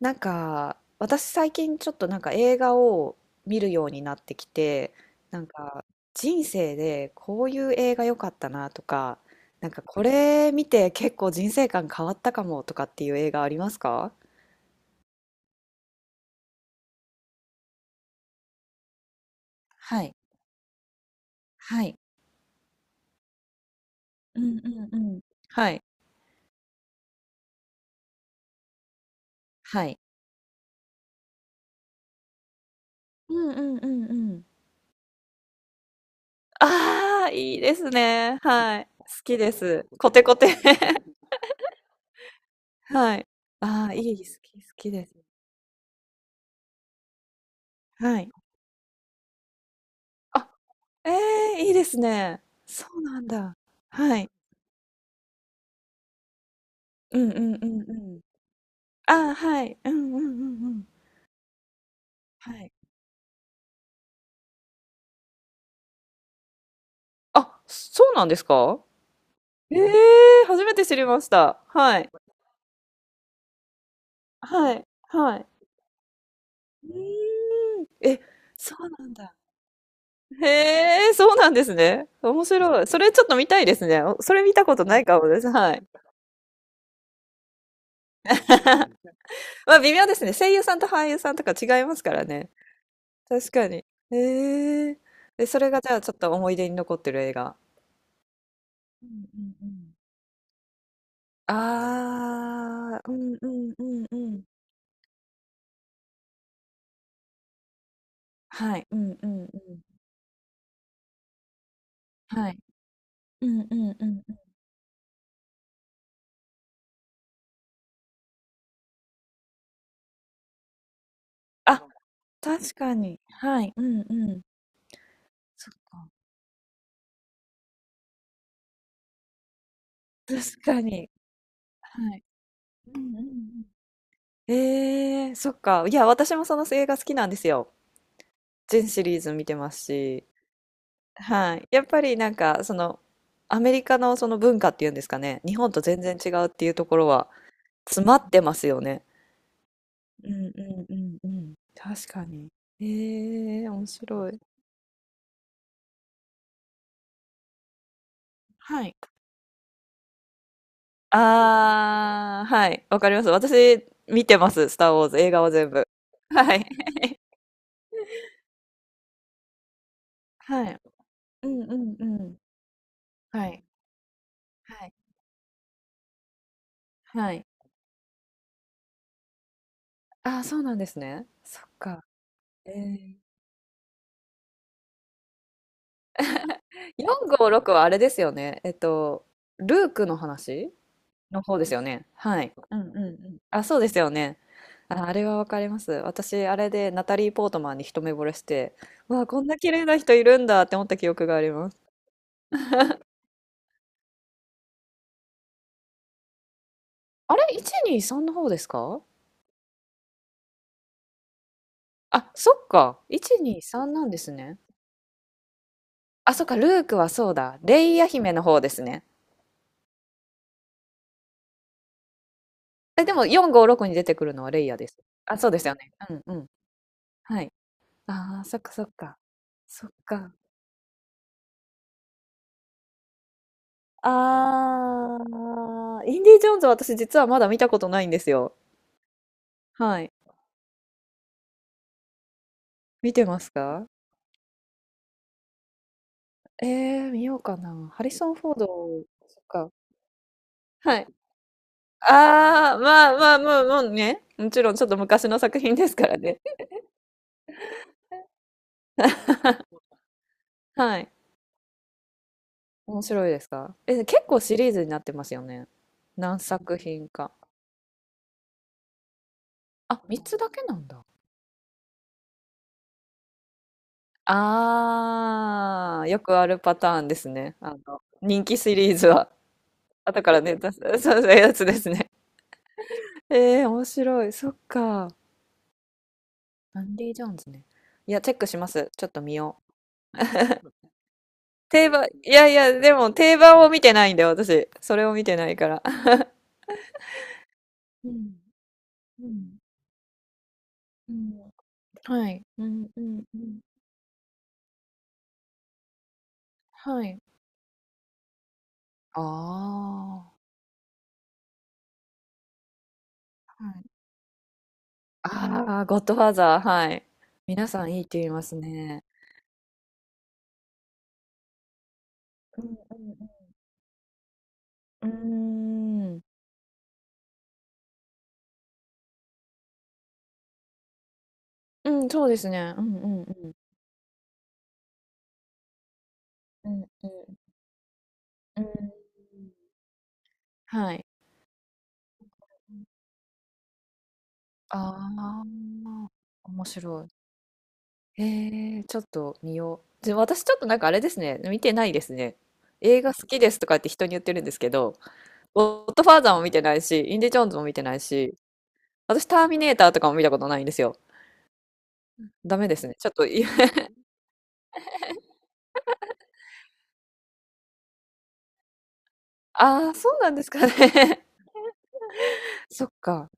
なんか私最近ちょっとなんか映画を見るようになってきて、なんか人生でこういう映画良かったなとか、なんかこれ見て結構人生観変わったかもとかっていう映画ありますか？はい。はい。うんうんうん。はい。はい。うんうんうんうん。ああ、いいですね。はい。好きです。コテコテ。 はい。ああ、いい、好き、好きです。はい。ええ、いいですね。そうなんだ。はい。うんうんうんうん。ああ、はい。うんうんうんうん。はい。あ、そうなんですか？ええ、初めて知りました。はい。はい。はい。うーん。え、そうなんだ。へえ、そうなんですね。面白い。それちょっと見たいですね。おそれ見たことないかもです。はい。まあ微妙ですね。声優さんと俳優さんとか違いますからね。確かに。へえ。で、それがじゃあちょっと思い出に残ってる映画。うんうんうん。ああ、うんうんうんうん。はい、うんうんうん。はい。うんうんうん。あ、確かに。はい、うんうん。そっか。確かに。はい。うんうんうん。ええ、そっか。いや、私もその映画好きなんですよ。全シリーズ見てますし。はい。やっぱりなんか、その、アメリカのその文化っていうんですかね、日本と全然違うっていうところは詰まってますよね。うんうんうんうん。確かに。え面白い。はい。あーはい、わかります。私、見てます、スター・ウォーズ、映画は全部。はい。はい。うんうんうん。はい。はい。はい。あーそうなんですね。そっか。ええ。ええ。456はあれですよね。ルークの話？の方ですよね。はい。うんうんうん。あ、そうですよね。あ、あれはわかります。私、あれでナタリー・ポートマンに一目惚れして、わあ、こんな綺麗な人いるんだって思った記憶があります。あれ、123の方ですか？あ、そっか。123なんですね。あ、そっか、ルークはそうだ。レイヤ姫の方ですね。え、でも4、5、6に出てくるのはレイヤです。あ、そうですよね。うんうん。はい。ああ、そっかそっか。そっか。ああ、インディ・ジョーンズは私実はまだ見たことないんですよ。はい。見てますか？え、見ようかな。ハリソン・フォード、そっか。はい。ああ、まあまあ、もう、もうね。もちろん、ちょっと昔の作品ですからね。はい。面白いですか？え、結構シリーズになってますよね。何作品か。あ、3つだけなんだ。ああ、よくあるパターンですね。人気シリーズは。後からね、出す、そうそういうやつですね。面白い。そっか。アンディ・ジョーンズね。いや、チェックします。ちょっと見よう。定番、いやいや、でも定番を見てないんだよ、私。それを見てないから。うん、うん、うん。はい。うん、うん、うん。はい。ああ。はい。ああ、ゴッドファーザー、はい。皆さんいいって言いますね。うんうんうん。うーん。うん、そうですね。うんうんうん。うんうんうん。はい。ああ、面白い。ちょっと見よう。で、私ちょっとなんかあれですね、見てないですね。映画好きですとかって人に言ってるんですけど、ゴッドファーザーも見てないし、インディ・ジョーンズも見てないし、私ターミネーターとかも見たことないんですよ。ダメですね。ちょっとい ああ、そうなんですかね。そっか。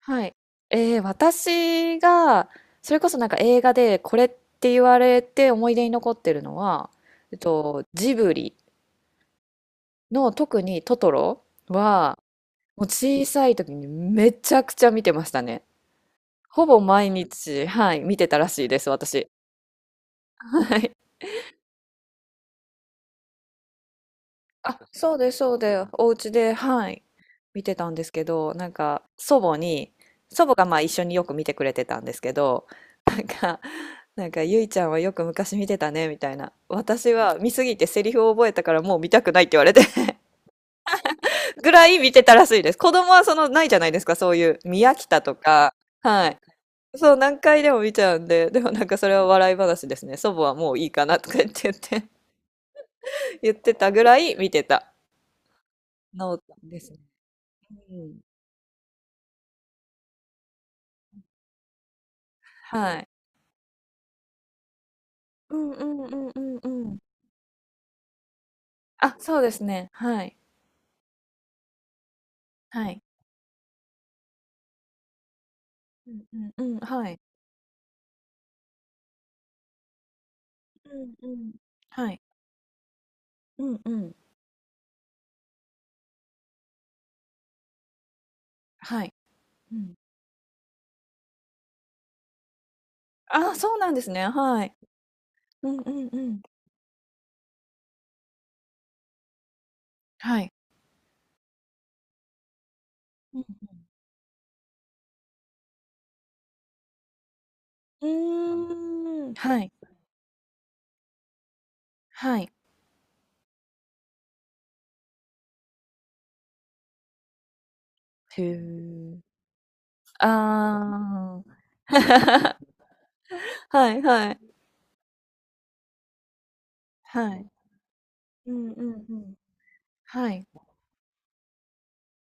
はい。私が、それこそなんか映画でこれって言われて思い出に残ってるのは、ジブリの特にトトロは、もう小さい時にめちゃくちゃ見てましたね。ほぼ毎日、はい、見てたらしいです、私。はい。あ、そうです、そうです。お家で、はい、見てたんですけど、なんか、祖母に、祖母がまあ一緒によく見てくれてたんですけど、なんか、なんか、ゆいちゃんはよく昔見てたね、みたいな。私は見すぎてセリフを覚えたからもう見たくないって言われて ぐらい見てたらしいです。子供はその、ないじゃないですか、そういう、宮北とか、はいそう、何回でも見ちゃうんで、でもなんかそれは笑い話ですね。祖母はもういいかなとか言って 言ってたぐらい見てた。ノートですね。うん。はい。うんうんうんうんうん。あ、そうですね。はい。はい。うんうんうん。はい。うんうん。はい。うんうん。はい。うん。あ、そうなんですね。はい。うんうんうん。はい。うんうん。うーん。はい。はい。へえ。ああ。はいはい。はい。うんうんうん。はい。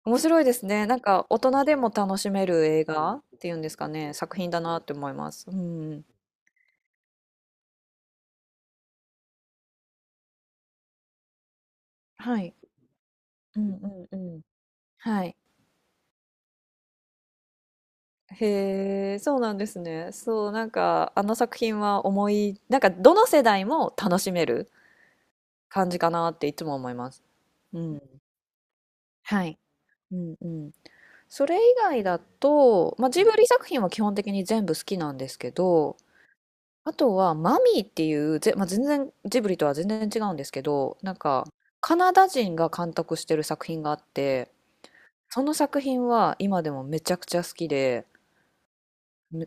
面白いですね。なんか大人でも楽しめる映画っていうんですかね、作品だなって思います。うん。はい。うんうんうん。はい。へえ、そうなんですね。そう、なんかあの作品は思い、なんかどの世代も楽しめる感じかなっていつも思います。うん。はい。うんうん。それ以外だと、まあ、ジブリ作品は基本的に全部好きなんですけど、あとは、マミーっていう、まあ、全然、ジブリとは全然違うんですけど、なんか、カナダ人が監督してる作品があって、その作品は今でもめちゃくちゃ好きで、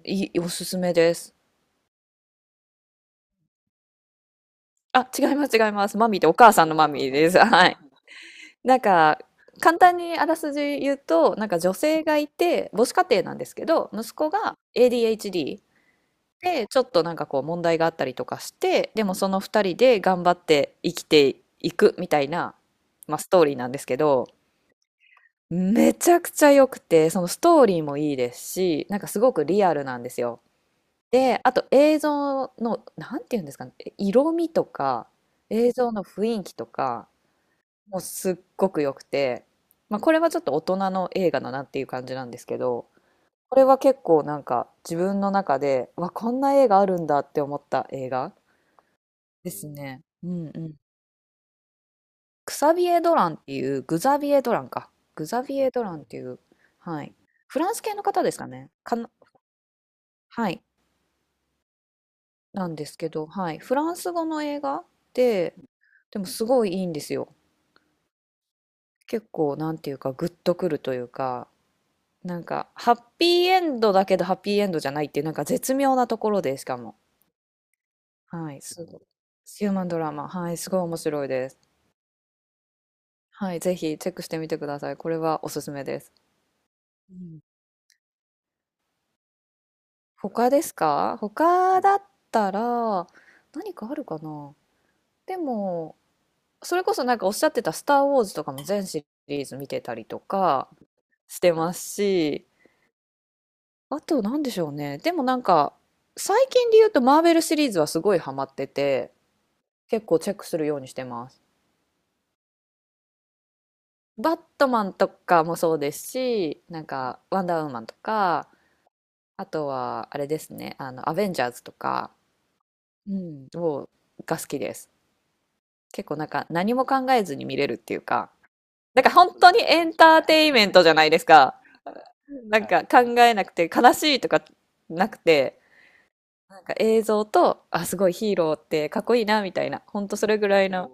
いい、おすすめです。あ、違います、違います。マミーってお母さんのマミーです。はい。なんか、簡単にあらすじ言うと、なんか女性がいて、母子家庭なんですけど、息子が ADHD で、ちょっとなんかこう問題があったりとかして、でもその2人で頑張って生きていくみたいな、まあ、ストーリーなんですけど、めちゃくちゃ良くて、そのストーリーもいいですし、なんかすごくリアルなんですよ。で、あと映像の、なんていうんですかね、色味とか、映像の雰囲気とか、もうすっごく良くて、まあ、これはちょっと大人の映画だなっていう感じなんですけど、これは結構なんか自分の中で、わ、こんな映画あるんだって思った映画ですね。うんうん。クサビエ・ドランっていう、グザビエ・ドランか。グザビエ・ドランっていう、はい。フランス系の方ですかね。かな、はい。なんですけど、はい。フランス語の映画で、でもすごいいいんですよ。結構、なんていうか、グッとくるというか、なんか、ハッピーエンドだけど、ハッピーエンドじゃないっていう、なんか絶妙なところで、しかも。はい。すごい。ヒューマンドラマ。はい。すごい面白いです。はい。ぜひチェックしてみてください。これはおすすめです。うん。他ですか？他だったら何かあるかな？でもそれこそなんかおっしゃってた「スター・ウォーズ」とかも全シリーズ見てたりとかしてますし、あと何でしょうね。でもなんか最近で言うとマーベルシリーズはすごいハマってて、結構チェックするようにしてます。バットマンとかもそうですし、なんかワンダーウーマンとか、あとはあれですね、アベンジャーズとか、うん、をが好きです。結構なんか何も考えずに見れるっていうか、なんか本当にエンターテインメントじゃないですか。なんか考えなくて悲しいとかなくて、なんか映像と、あ、すごいヒーローってかっこいいなみたいな、ほんとそれぐらいの、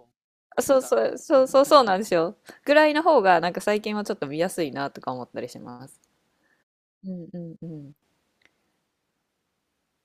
あそうそう、そうそうそうなんですよ。ぐらいの方がなんか最近はちょっと見やすいなとか思ったりします。うんうんうん。